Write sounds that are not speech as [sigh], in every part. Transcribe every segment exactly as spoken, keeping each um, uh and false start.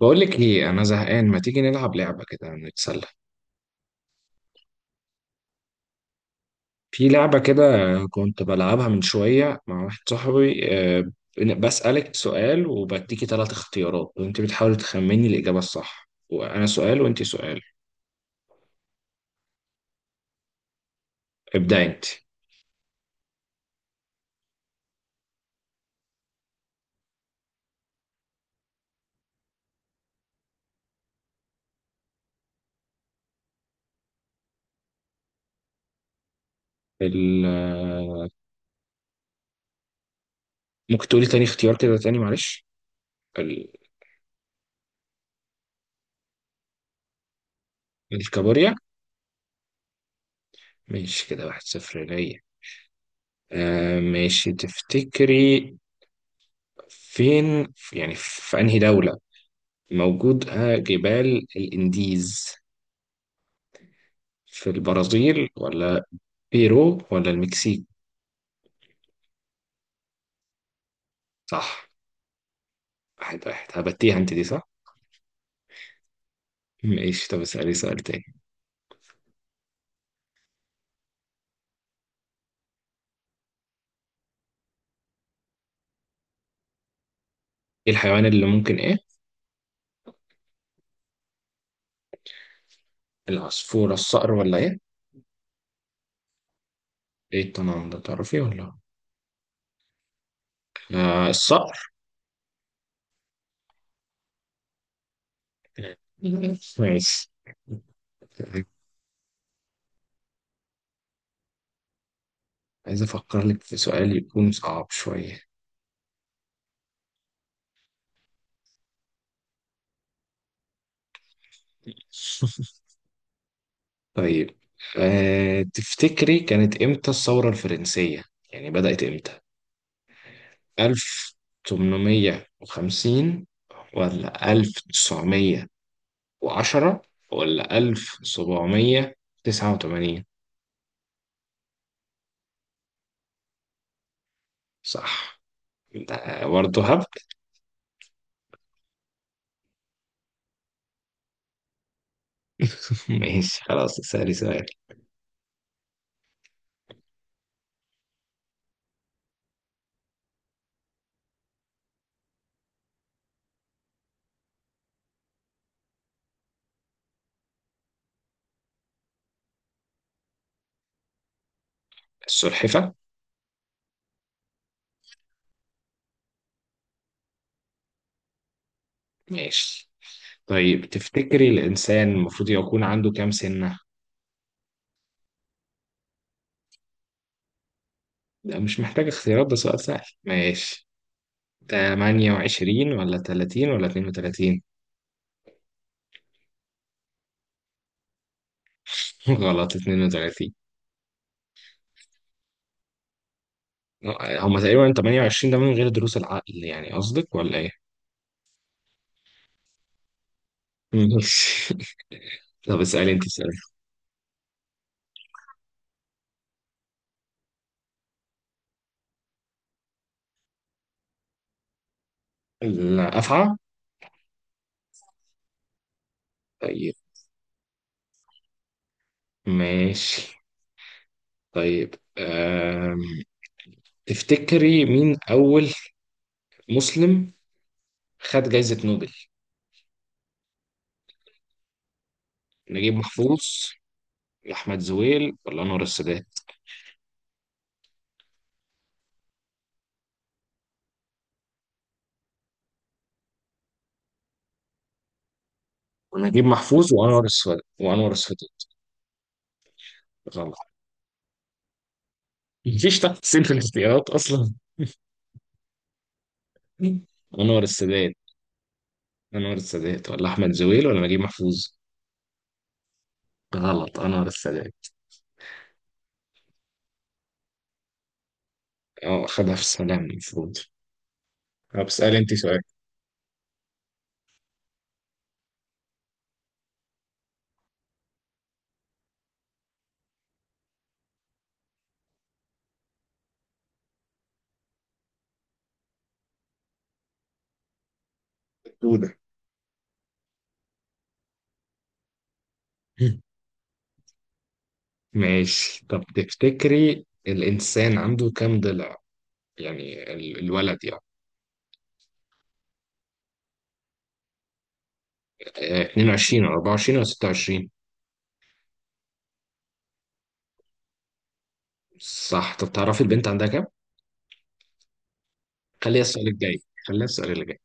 بقول لك ايه، انا زهقان. ما تيجي نلعب لعبه كده نتسلى. في لعبه كده كنت بلعبها من شويه مع واحد صاحبي. آه، بن- بسالك سؤال وبديكي ثلاث اختيارات وانت بتحاولي تخمني الاجابه الصح، وانا سؤال وانت سؤال. ابداي انت. ال- آه، ممكن تقولي تاني اختيار كده تاني، معلش. ال- الكابوريا. ماشي كده واحد صفر ليا. آه، ماشي. تفتكري فين، يعني في انهي دوله موجود؟ آه، جبال الانديز في البرازيل، ولا بيرو، ولا المكسيك؟ صح. واحد واحد. هبتيها انت دي صح. ماشي، طب اسألي سؤال تاني. ايه الحيوان اللي ممكن ايه؟ العصفورة، الصقر، ولا ايه؟ ايه التنوع ده، تعرفيه ولا؟ آه، الصقر. ماشي. عايز افكر لك في سؤال يكون صعب شوية. [laughs] طيب، أه تفتكري كانت امتى الثورة الفرنسية، يعني بدأت امتى؟ ألف تمنمية وخمسين، ولا ألف تسعمية وعشرة، ولا ألف سبعمية تسعة وتمانين؟ صح. ده برضه هبد. [laughs] ماشي خلاص، اسألي سؤال. السلحفة. ماشي. طيب تفتكري الإنسان المفروض يكون عنده كام سنة؟ ده مش محتاج اختيارات، ده سؤال سهل. ماشي، تمانية وعشرين، ولا تلاتين، ولا اتنين وتلاتين؟ [laughs] غلط، اتنين وتلاتين. آه، هما تقريبا تمانية وعشرين ده من غير دروس العقل، يعني قصدك ولا ايه؟ ماشي. [laughs] طب اسألي انت سؤال. لا، أفعى؟ طيب، ماشي. طيب، آم، تفتكري مين أول مسلم خد جايزة نوبل؟ نجيب محفوظ، أحمد زويل، ولا أنور السادات؟ ونجيب محفوظ وأنور السادات وأنور السادات. غلط. مفيش تحسين في الاختيارات أصلا. أنور السادات. أنور السادات، ولا أحمد زويل، ولا نجيب محفوظ؟ غلط، أنور السادات. أه، خدها في السلام المفروض. طب اسألي أنت سؤال. دودة. ماشي. طب تفتكري الإنسان عنده كام ضلع؟ يعني ال- الولد يعني. آه، اتنين وعشرين ولا اربعه وعشرين ولا ستة وعشرين؟ صح. طب تعرفي البنت عندها كام؟ خليها السؤال الجاي. خليها السؤال اللي جاي.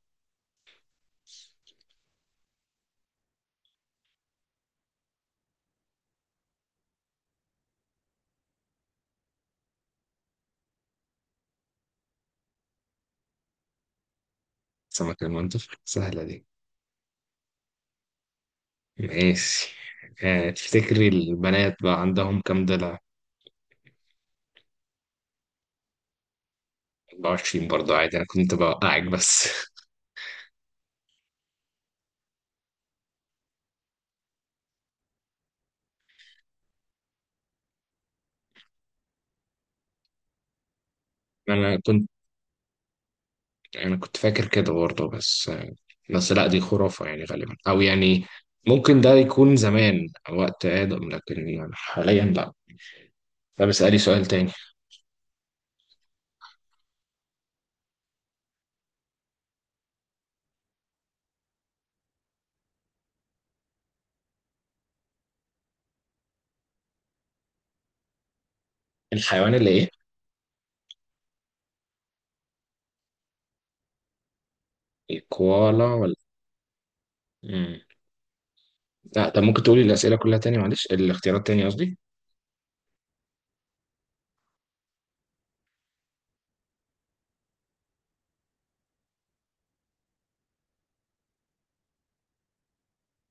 سمك المنطق. سهلة دي. ماشي. آه، تفتكري البنات بقى عندهم كام دلع؟ اربعه وعشرين برضه، عادي أنا كنت بوقعك بس. [laughs] أنا كنت أنا كنت فاكر كده برضه، بس آه، بس لا، دي خرافة يعني غالبا، أو يعني ممكن ده يكون زمان وقت آدم، لكن يعني حاليا لا. طب اسألي سؤال تاني. الحيوان اللي إيه؟ الكوالا ولا؟ مم. لا، طب ممكن تقولي الأسئلة كلها تاني، معلش، الاختيارات تاني قصدي.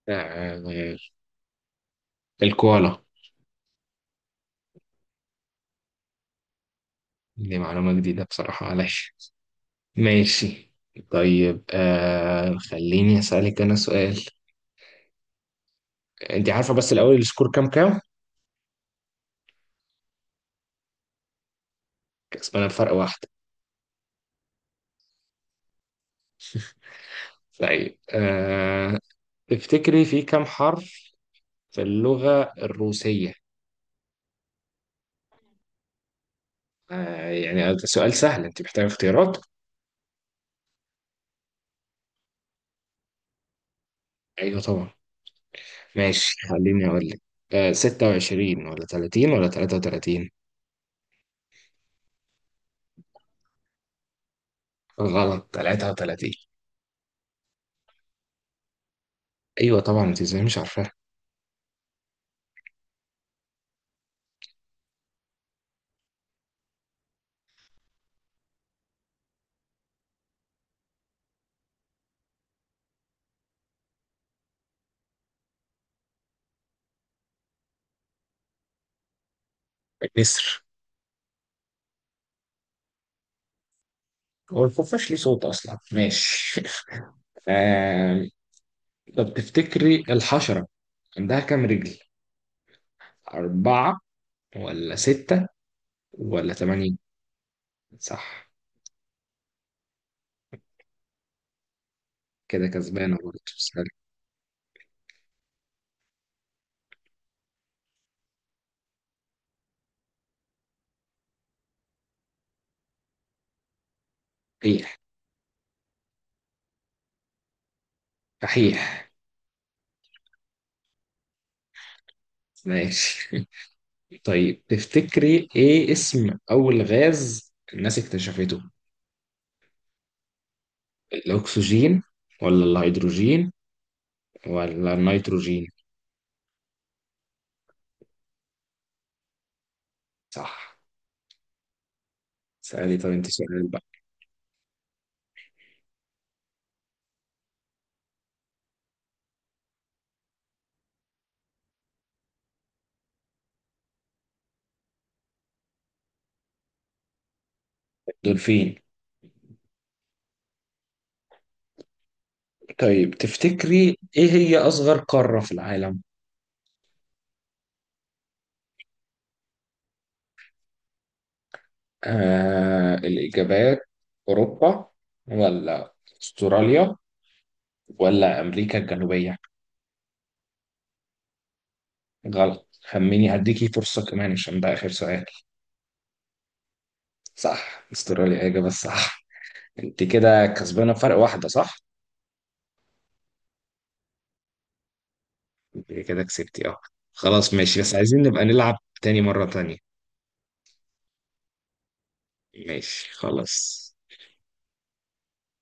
آه، آه، الكوالا. دي معلومة جديدة بصراحة، معلش. ماشي. طيب آه، خليني أسألك أنا سؤال. أنت عارفة بس الأول السكور كام كام؟ كسبانة بفرق واحدة. طيب آه، تفتكري في كام حرف في اللغة الروسية؟ آه يعني ده سؤال سهل، أنت محتاجة اختيارات؟ أيوه طبعا. ماشي، خليني أقول لك. آه، ستة وعشرين ولا تلاتين ولا تلاتة وتلاتين؟ غلط، ثلاثة وثلاثين. ايوه طبعا، انت ازاي مش عارفاها؟ النسر. هو الخفاش ليه صوت اصلا؟ ماشي. [laughs] آه، طب تفتكري الحشره عندها كام رجل؟ اربعه، ولا سته، ولا ثمانيه؟ صح. كده كسبانه برضه، سهل. صحيح. صحيح. ماشي. [laughs] طيب تفتكري ايه اسم اول غاز الناس اكتشفته؟ الاكسجين، ولا الهيدروجين، ولا النيتروجين؟ صح. سألي طب انت سؤال بقى. دولفين. طيب تفتكري إيه هي أصغر قارة في العالم؟ آه، الإجابات. أوروبا، ولا أستراليا، ولا أمريكا الجنوبية؟ غلط. خميني هديكي فرصة كمان عشان ده آخر سؤال. صح، أستراليا إجابة الصح. أنت كده كسبانة بفرق واحدة صح؟ أنت كده كسبتي، أه. خلاص ماشي، بس عايزين نبقى نلعب تاني مرة تانية. ماشي خلاص.